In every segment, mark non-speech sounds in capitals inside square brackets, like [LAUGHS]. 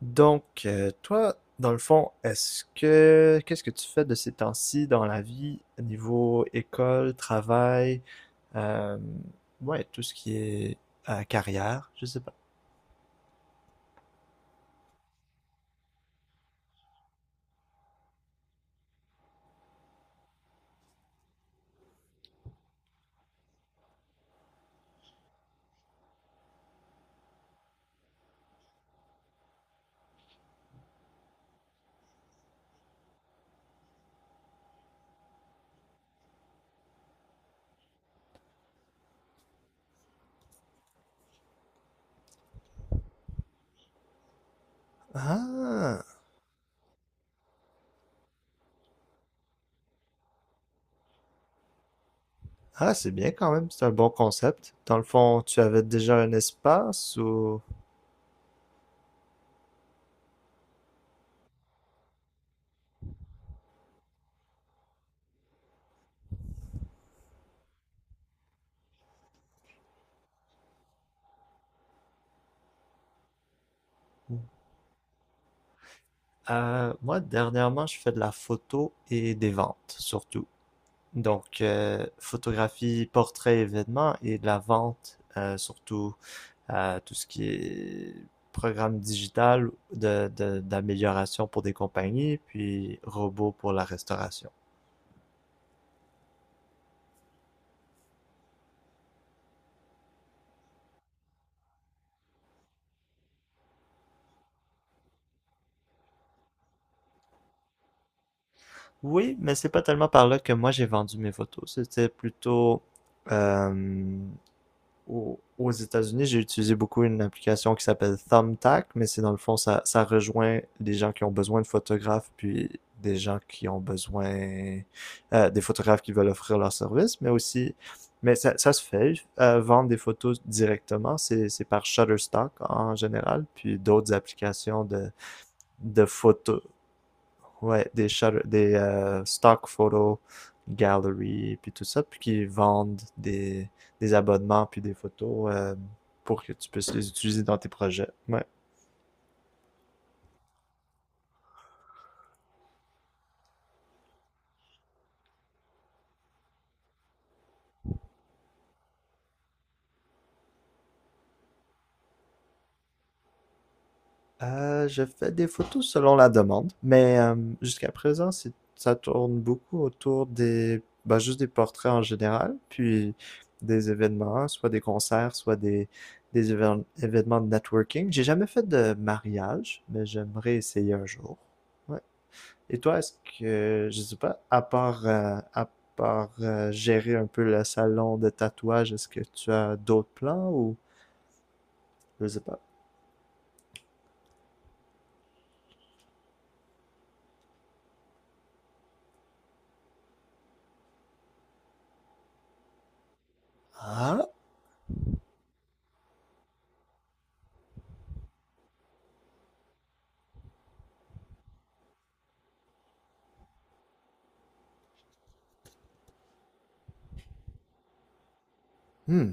Donc, toi, dans le fond, est-ce que qu'est-ce que tu fais de ces temps-ci dans la vie, niveau école, travail, euh, ouais, tout ce qui est carrière, je sais pas. Ah, ah, c'est bien quand même, c'est un bon concept. Dans le fond, tu avais déjà un espace ou... moi, dernièrement, je fais de la photo et des ventes surtout. Donc, photographie, portrait, événements et de la vente, surtout à tout ce qui est programme digital d'amélioration pour des compagnies, puis robots pour la restauration. Oui, mais c'est pas tellement par là que moi j'ai vendu mes photos. C'était plutôt, euh, aux États-Unis, j'ai utilisé beaucoup une application qui s'appelle Thumbtack, mais c'est dans le fond, ça rejoint des gens qui ont besoin de photographes, puis des gens qui ont besoin, des photographes qui veulent offrir leur service, mais aussi, mais ça se fait, vendre des photos directement, c'est par Shutterstock en général, puis d'autres applications de photos. Ouais, des stock photo gallery, puis tout ça, puis qui vendent des abonnements, puis des photos, pour que tu puisses les utiliser dans tes projets. Ouais. Je fais des photos selon la demande, mais, jusqu'à présent, ça tourne beaucoup autour des, bah, juste des portraits en général, puis des événements, soit des concerts, soit des événements de networking. J'ai jamais fait de mariage, mais j'aimerais essayer un jour. Ouais. Et toi, est-ce que, je sais pas, à part gérer un peu le salon de tatouage, est-ce que tu as d'autres plans ou je sais pas? Ah. Hmm.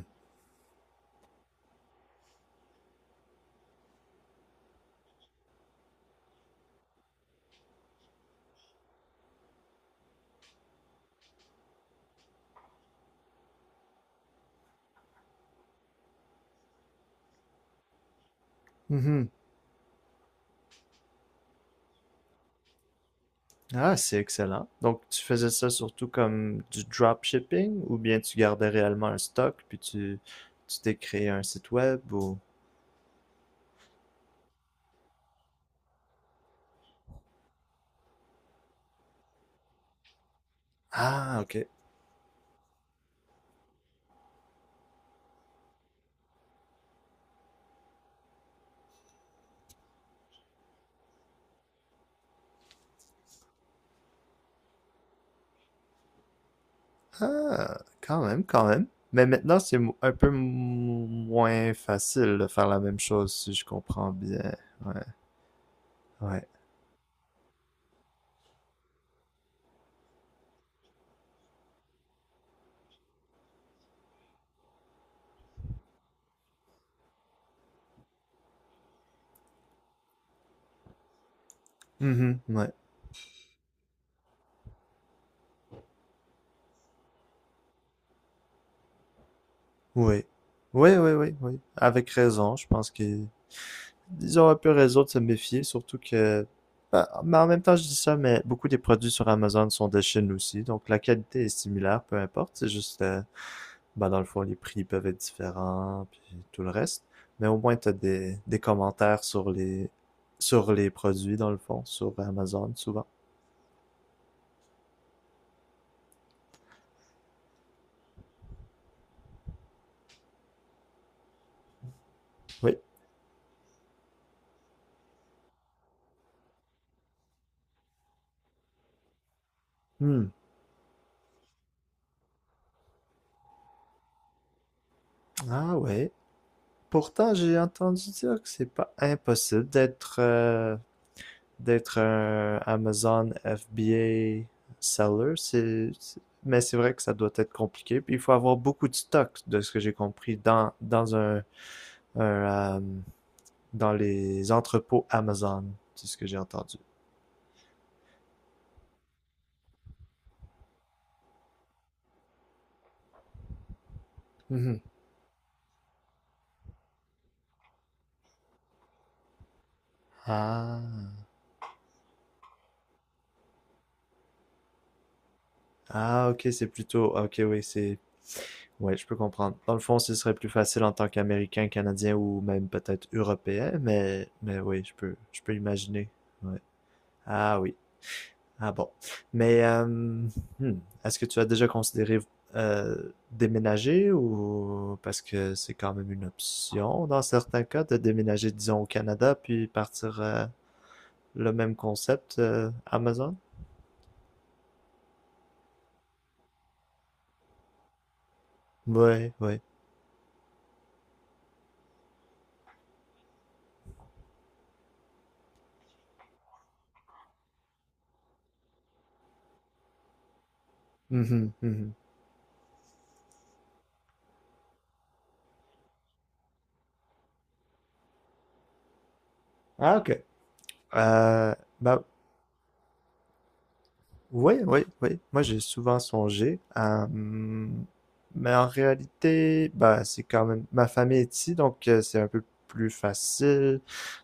Mhm. Ah, c'est excellent. Donc, tu faisais ça surtout comme du dropshipping ou bien tu gardais réellement un stock, puis tu t'es créé un site web ou... Ah, ok. Ah, quand même, quand même. Mais maintenant, c'est, un peu, moins facile de faire la même chose, si je comprends bien. Ouais, ouais. Mhm, ouais, ouais. Oui, oui, oui, oui. Avec raison, je pense qu'ils ils ont un peu raison de se méfier, surtout que, bah, mais en même temps, je dis ça, mais beaucoup des produits sur Amazon sont de Chine aussi, donc la qualité est similaire, peu importe, c'est juste, bah, dans le fond les prix peuvent être différents, puis tout le reste, mais au moins t'as des commentaires sur les produits dans le fond, sur Amazon souvent. Oui. Hmm. Ah ouais. Pourtant, j'ai entendu dire que c'est pas impossible d'être, un Amazon FBA seller. Mais c'est vrai que ça doit être compliqué. Puis il faut avoir beaucoup de stocks, de ce que j'ai compris, dans, un, euh, dans les entrepôts Amazon, c'est ce que j'ai entendu. Mhm. Ah. Ah, ok, c'est plutôt... Ok, oui, c'est... Ouais, je peux comprendre. Dans le fond, ce serait plus facile en tant qu'Américain, Canadien ou même peut-être Européen, mais, oui, je peux imaginer. Ouais. Ah oui. Ah bon. Mais, hmm, est-ce que tu as déjà considéré, déménager? Ou parce que c'est quand même une option dans certains cas de déménager, disons, au Canada puis partir, le même concept, Amazon? Oui, oui. Mhm, mhm. Ah ok. Ben... Oui, oui, oui. Moi, j'ai souvent songé à... mais en réalité, bah, c'est quand même... Ma famille est ici, donc, c'est un peu plus facile.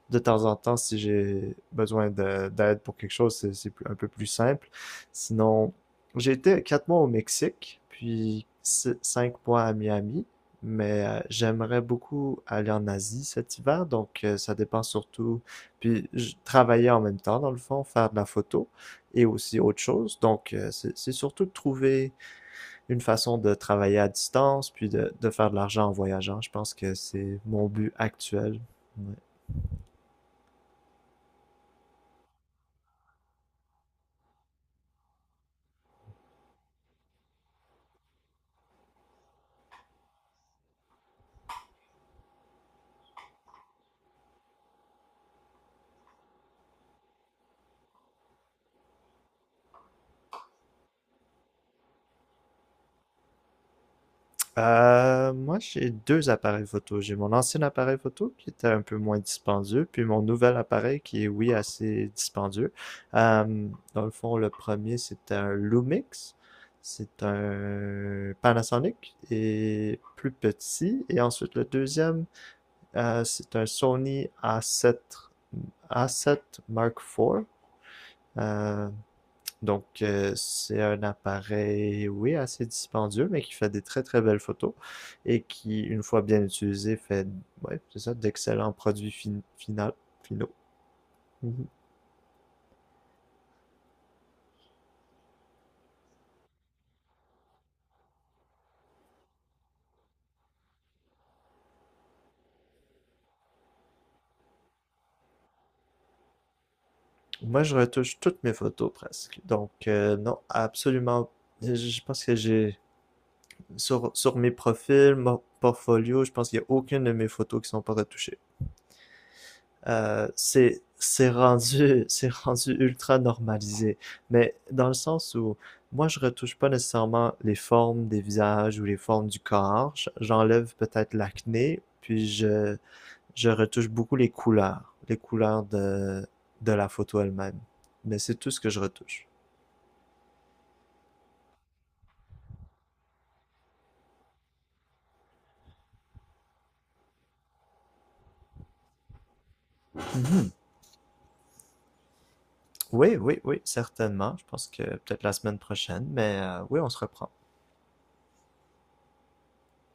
De temps en temps, si j'ai besoin d'aide pour quelque chose, c'est un peu plus simple. Sinon, j'ai été 4 mois au Mexique, puis 5 mois à Miami. Mais, j'aimerais beaucoup aller en Asie cet hiver, donc, ça dépend surtout. Puis je travaillais en même temps, dans le fond, faire de la photo et aussi autre chose. Donc, c'est surtout de trouver une façon de travailler à distance, puis, de faire de l'argent en voyageant. Je pense que c'est mon but actuel. Ouais. Moi, j'ai deux appareils photo. J'ai mon ancien appareil photo qui était un peu moins dispendieux, puis mon nouvel appareil qui est, oui, assez dispendieux. Euh, dans le fond, le premier, c'était un Lumix. C'est un Panasonic et plus petit. Et ensuite, le deuxième, c'est un Sony A7 Mark IV. Euh, donc, c'est un appareil, oui, assez dispendieux, mais qui fait des très très belles photos et qui, une fois bien utilisé, fait, ouais, c'est ça, d'excellents produits finaux. Mhm. Moi, je retouche toutes mes photos presque. Donc, non, absolument. Je pense que j'ai, sur, sur mes profils, mon portfolio, je pense qu'il n'y a aucune de mes photos qui ne sont pas retouchées. C'est rendu [LAUGHS] c'est rendu ultra normalisé. Mais dans le sens où moi je retouche pas nécessairement les formes des visages ou les formes du corps. J'enlève peut-être l'acné, puis je, retouche beaucoup les couleurs de la photo elle-même. Mais c'est tout ce que je retouche. Mhm. Oui, oui, oui, certainement. Je pense que peut-être la semaine prochaine, mais, oui, on se reprend.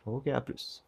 Ok, à plus.